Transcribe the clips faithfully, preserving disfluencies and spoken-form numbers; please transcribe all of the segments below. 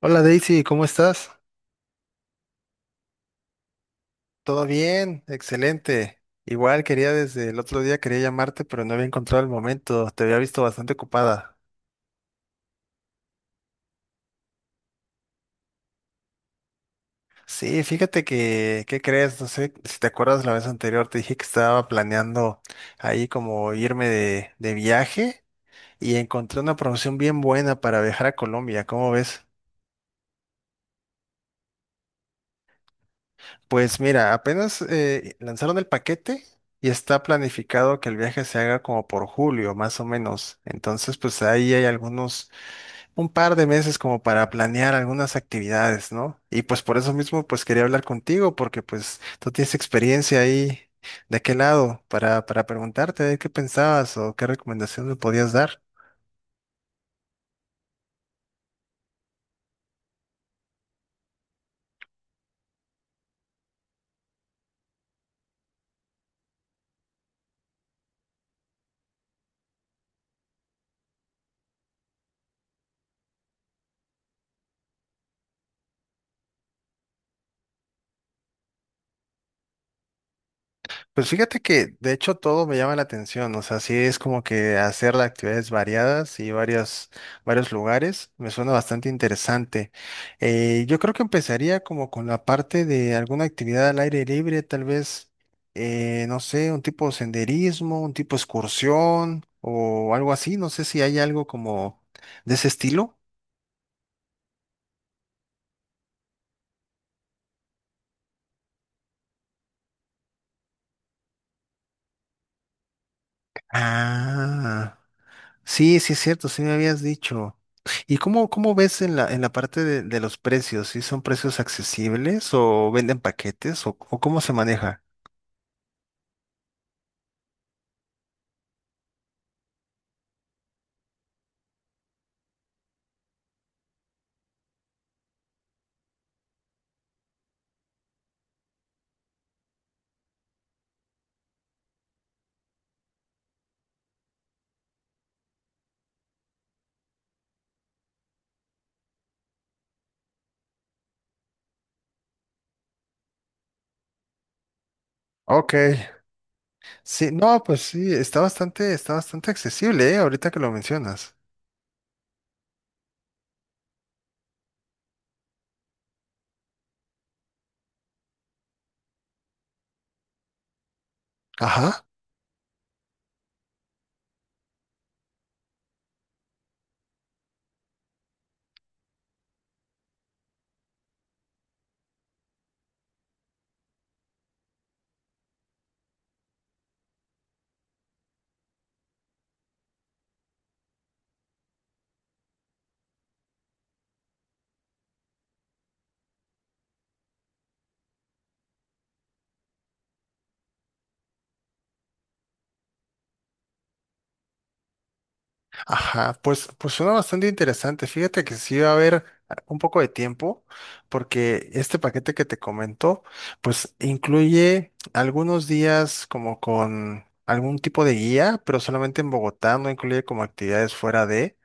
Hola Daisy, ¿cómo estás? ¿Todo bien? Excelente. Igual quería desde el otro día quería llamarte, pero no había encontrado el momento. Te había visto bastante ocupada. Sí, fíjate que, ¿qué crees? No sé si te acuerdas la vez anterior, te dije que estaba planeando ahí como irme de, de viaje y encontré una promoción bien buena para viajar a Colombia. ¿Cómo ves? Pues mira, apenas eh, lanzaron el paquete. Y está planificado que el viaje se haga como por julio, más o menos. Entonces, pues ahí hay algunos un par de meses como para planear algunas actividades, ¿no? Y pues por eso mismo pues quería hablar contigo porque pues tú tienes experiencia ahí de qué lado para, para preguntarte de qué pensabas o qué recomendación me podías dar. Pues fíjate que de hecho todo me llama la atención, o sea, sí es como que hacer las actividades variadas y varios, varios lugares, me suena bastante interesante. Eh, yo creo que empezaría como con la parte de alguna actividad al aire libre, tal vez, eh, no sé, un tipo senderismo, un tipo excursión o algo así, no sé si hay algo como de ese estilo. Ah. Sí, sí es cierto, sí me habías dicho. ¿Y cómo, cómo ves en la, en la parte de, de los precios? ¿Sí son precios accesibles o venden paquetes o, o cómo se maneja? Ok. Sí, no, pues sí, está bastante, está bastante accesible, ¿eh? Ahorita que lo mencionas. Ajá. Ajá, pues, pues suena bastante interesante. Fíjate que sí va a haber un poco de tiempo, porque este paquete que te comento, pues incluye algunos días como con algún tipo de guía, pero solamente en Bogotá, no incluye como actividades fuera de.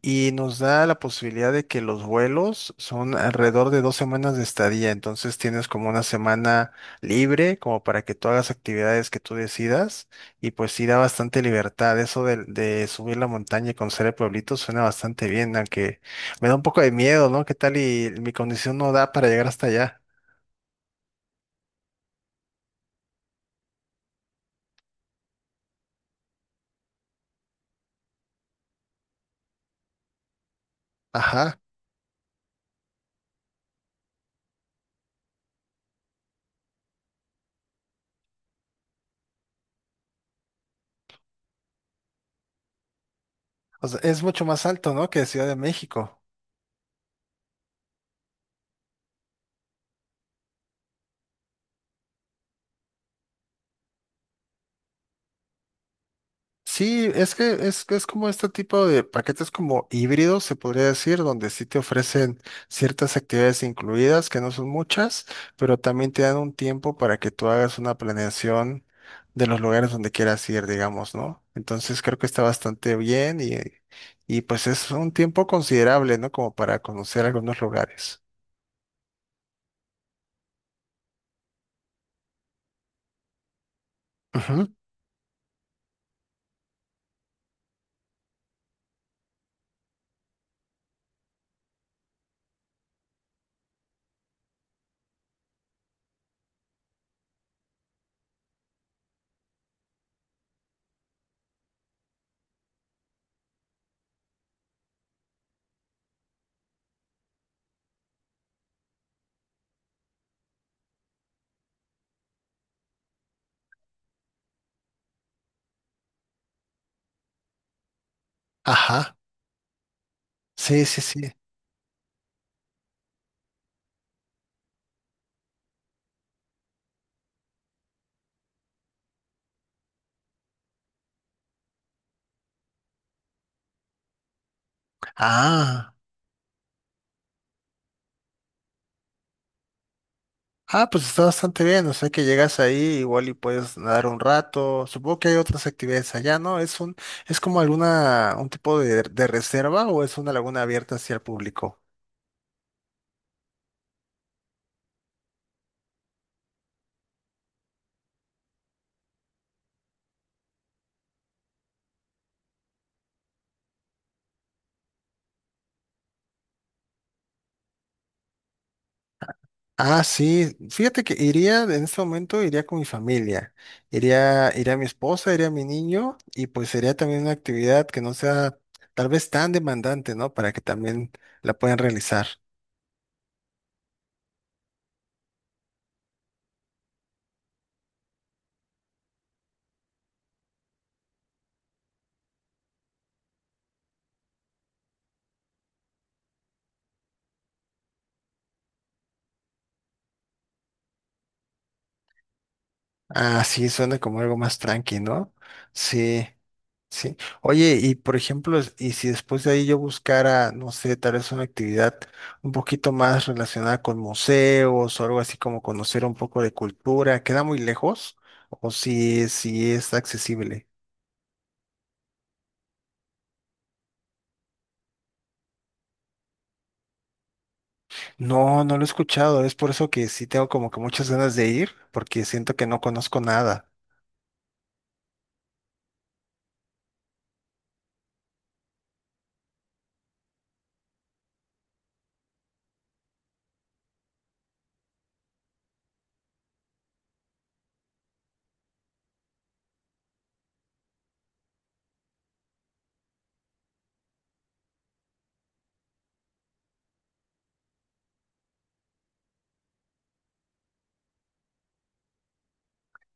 Y nos da la posibilidad de que los vuelos son alrededor de dos semanas de estadía, entonces tienes como una semana libre como para que tú hagas actividades que tú decidas y pues sí da bastante libertad. Eso de, de subir la montaña y conocer el pueblito suena bastante bien, aunque me da un poco de miedo, ¿no? ¿Qué tal y mi condición no da para llegar hasta allá? Ajá, o sea, es mucho más alto, ¿no? Que Ciudad de México. Sí, es, que es, que es como este tipo de paquetes como híbridos, se podría decir, donde sí te ofrecen ciertas actividades incluidas, que no son muchas, pero también te dan un tiempo para que tú hagas una planeación de los lugares donde quieras ir, digamos, ¿no? Entonces creo que está bastante bien y, y pues es un tiempo considerable, ¿no? Como para conocer algunos lugares. Ujú. Ajá. Sí, sí, sí. Ah. Ah, pues está bastante bien, o sea que llegas ahí igual y puedes nadar un rato. Supongo que hay otras actividades allá, ¿no? ¿Es un, es como alguna, un tipo de, de reserva o es una laguna abierta hacia el público? Ah, sí, fíjate que iría, en este momento iría con mi familia, iría, iría mi esposa, iría mi niño y pues sería también una actividad que no sea tal vez tan demandante, ¿no? Para que también la puedan realizar. Ah, sí, suena como algo más tranqui, ¿no? Sí. Sí. Oye, y por ejemplo, es- y si después de ahí yo buscara, no sé, tal vez una actividad un poquito más relacionada con museos o algo así como conocer un poco de cultura, ¿queda muy lejos? ¿O si, si es accesible? No, no lo he escuchado, es por eso que sí tengo como que muchas ganas de ir, porque siento que no conozco nada.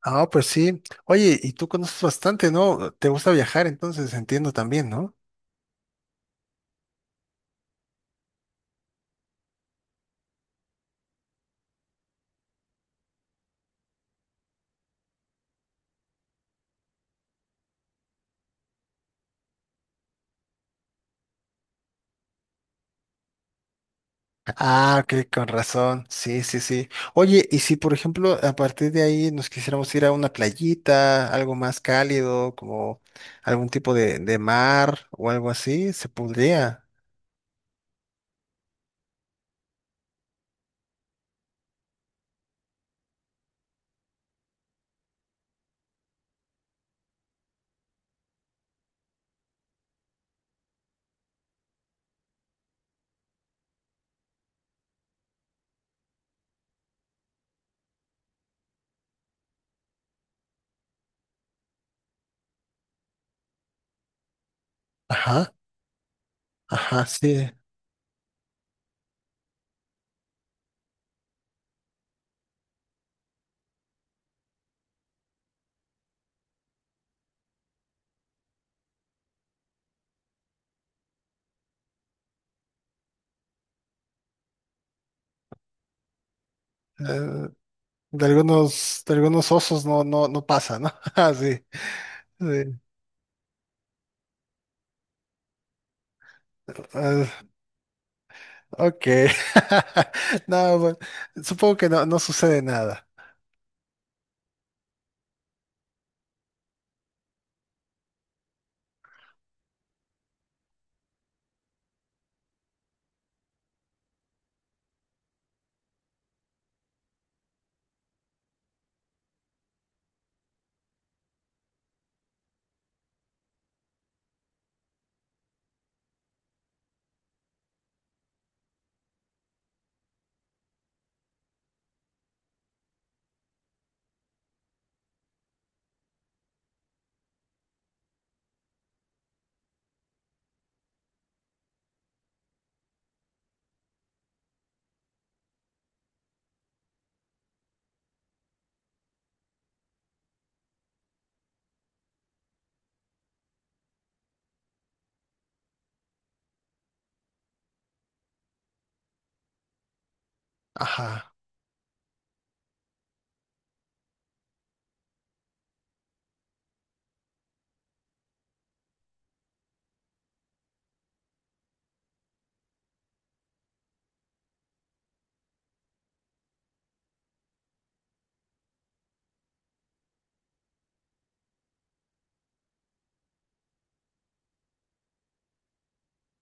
Ah, pues sí. Oye, y tú conoces bastante, ¿no? Te gusta viajar, entonces entiendo también, ¿no? Ah, ok, con razón. Sí, sí, sí. Oye, y si por ejemplo a partir de ahí nos quisiéramos ir a una playita, algo más cálido, como algún tipo de, de mar o algo así, se podría. Ajá, ajá, sí. Eh, de algunos, de algunos osos no, no, no pasa, ¿no? Ah, sí. Sí. Ah, ok. No, bueno, supongo que no, no sucede nada. Ajá,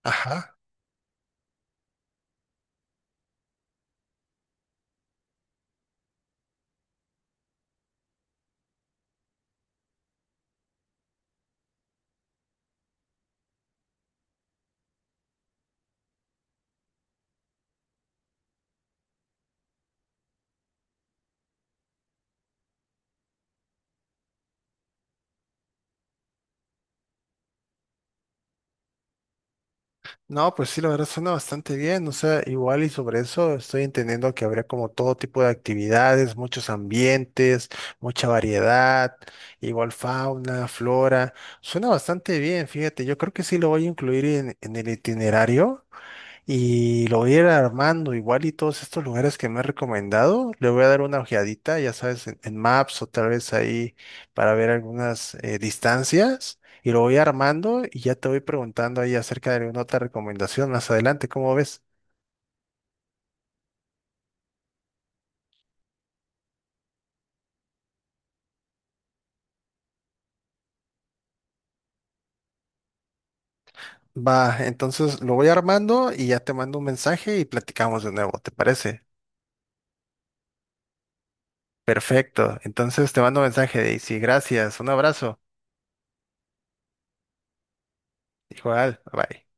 ajá. No, pues sí, la verdad suena bastante bien, o sea, igual y sobre eso estoy entendiendo que habría como todo tipo de actividades, muchos ambientes, mucha variedad, igual fauna, flora, suena bastante bien, fíjate, yo creo que sí lo voy a incluir en, en el itinerario y lo voy a ir armando igual y todos estos lugares que me he recomendado, le voy a dar una ojeadita, ya sabes, en, en Maps o tal vez ahí para ver algunas eh, distancias y lo voy armando y ya te voy preguntando ahí acerca de alguna otra recomendación más adelante, ¿cómo ves? Va, entonces lo voy armando y ya te mando un mensaje y platicamos de nuevo, ¿te parece? Perfecto, entonces te mando un mensaje, Daisy, gracias, un abrazo, igual, bye.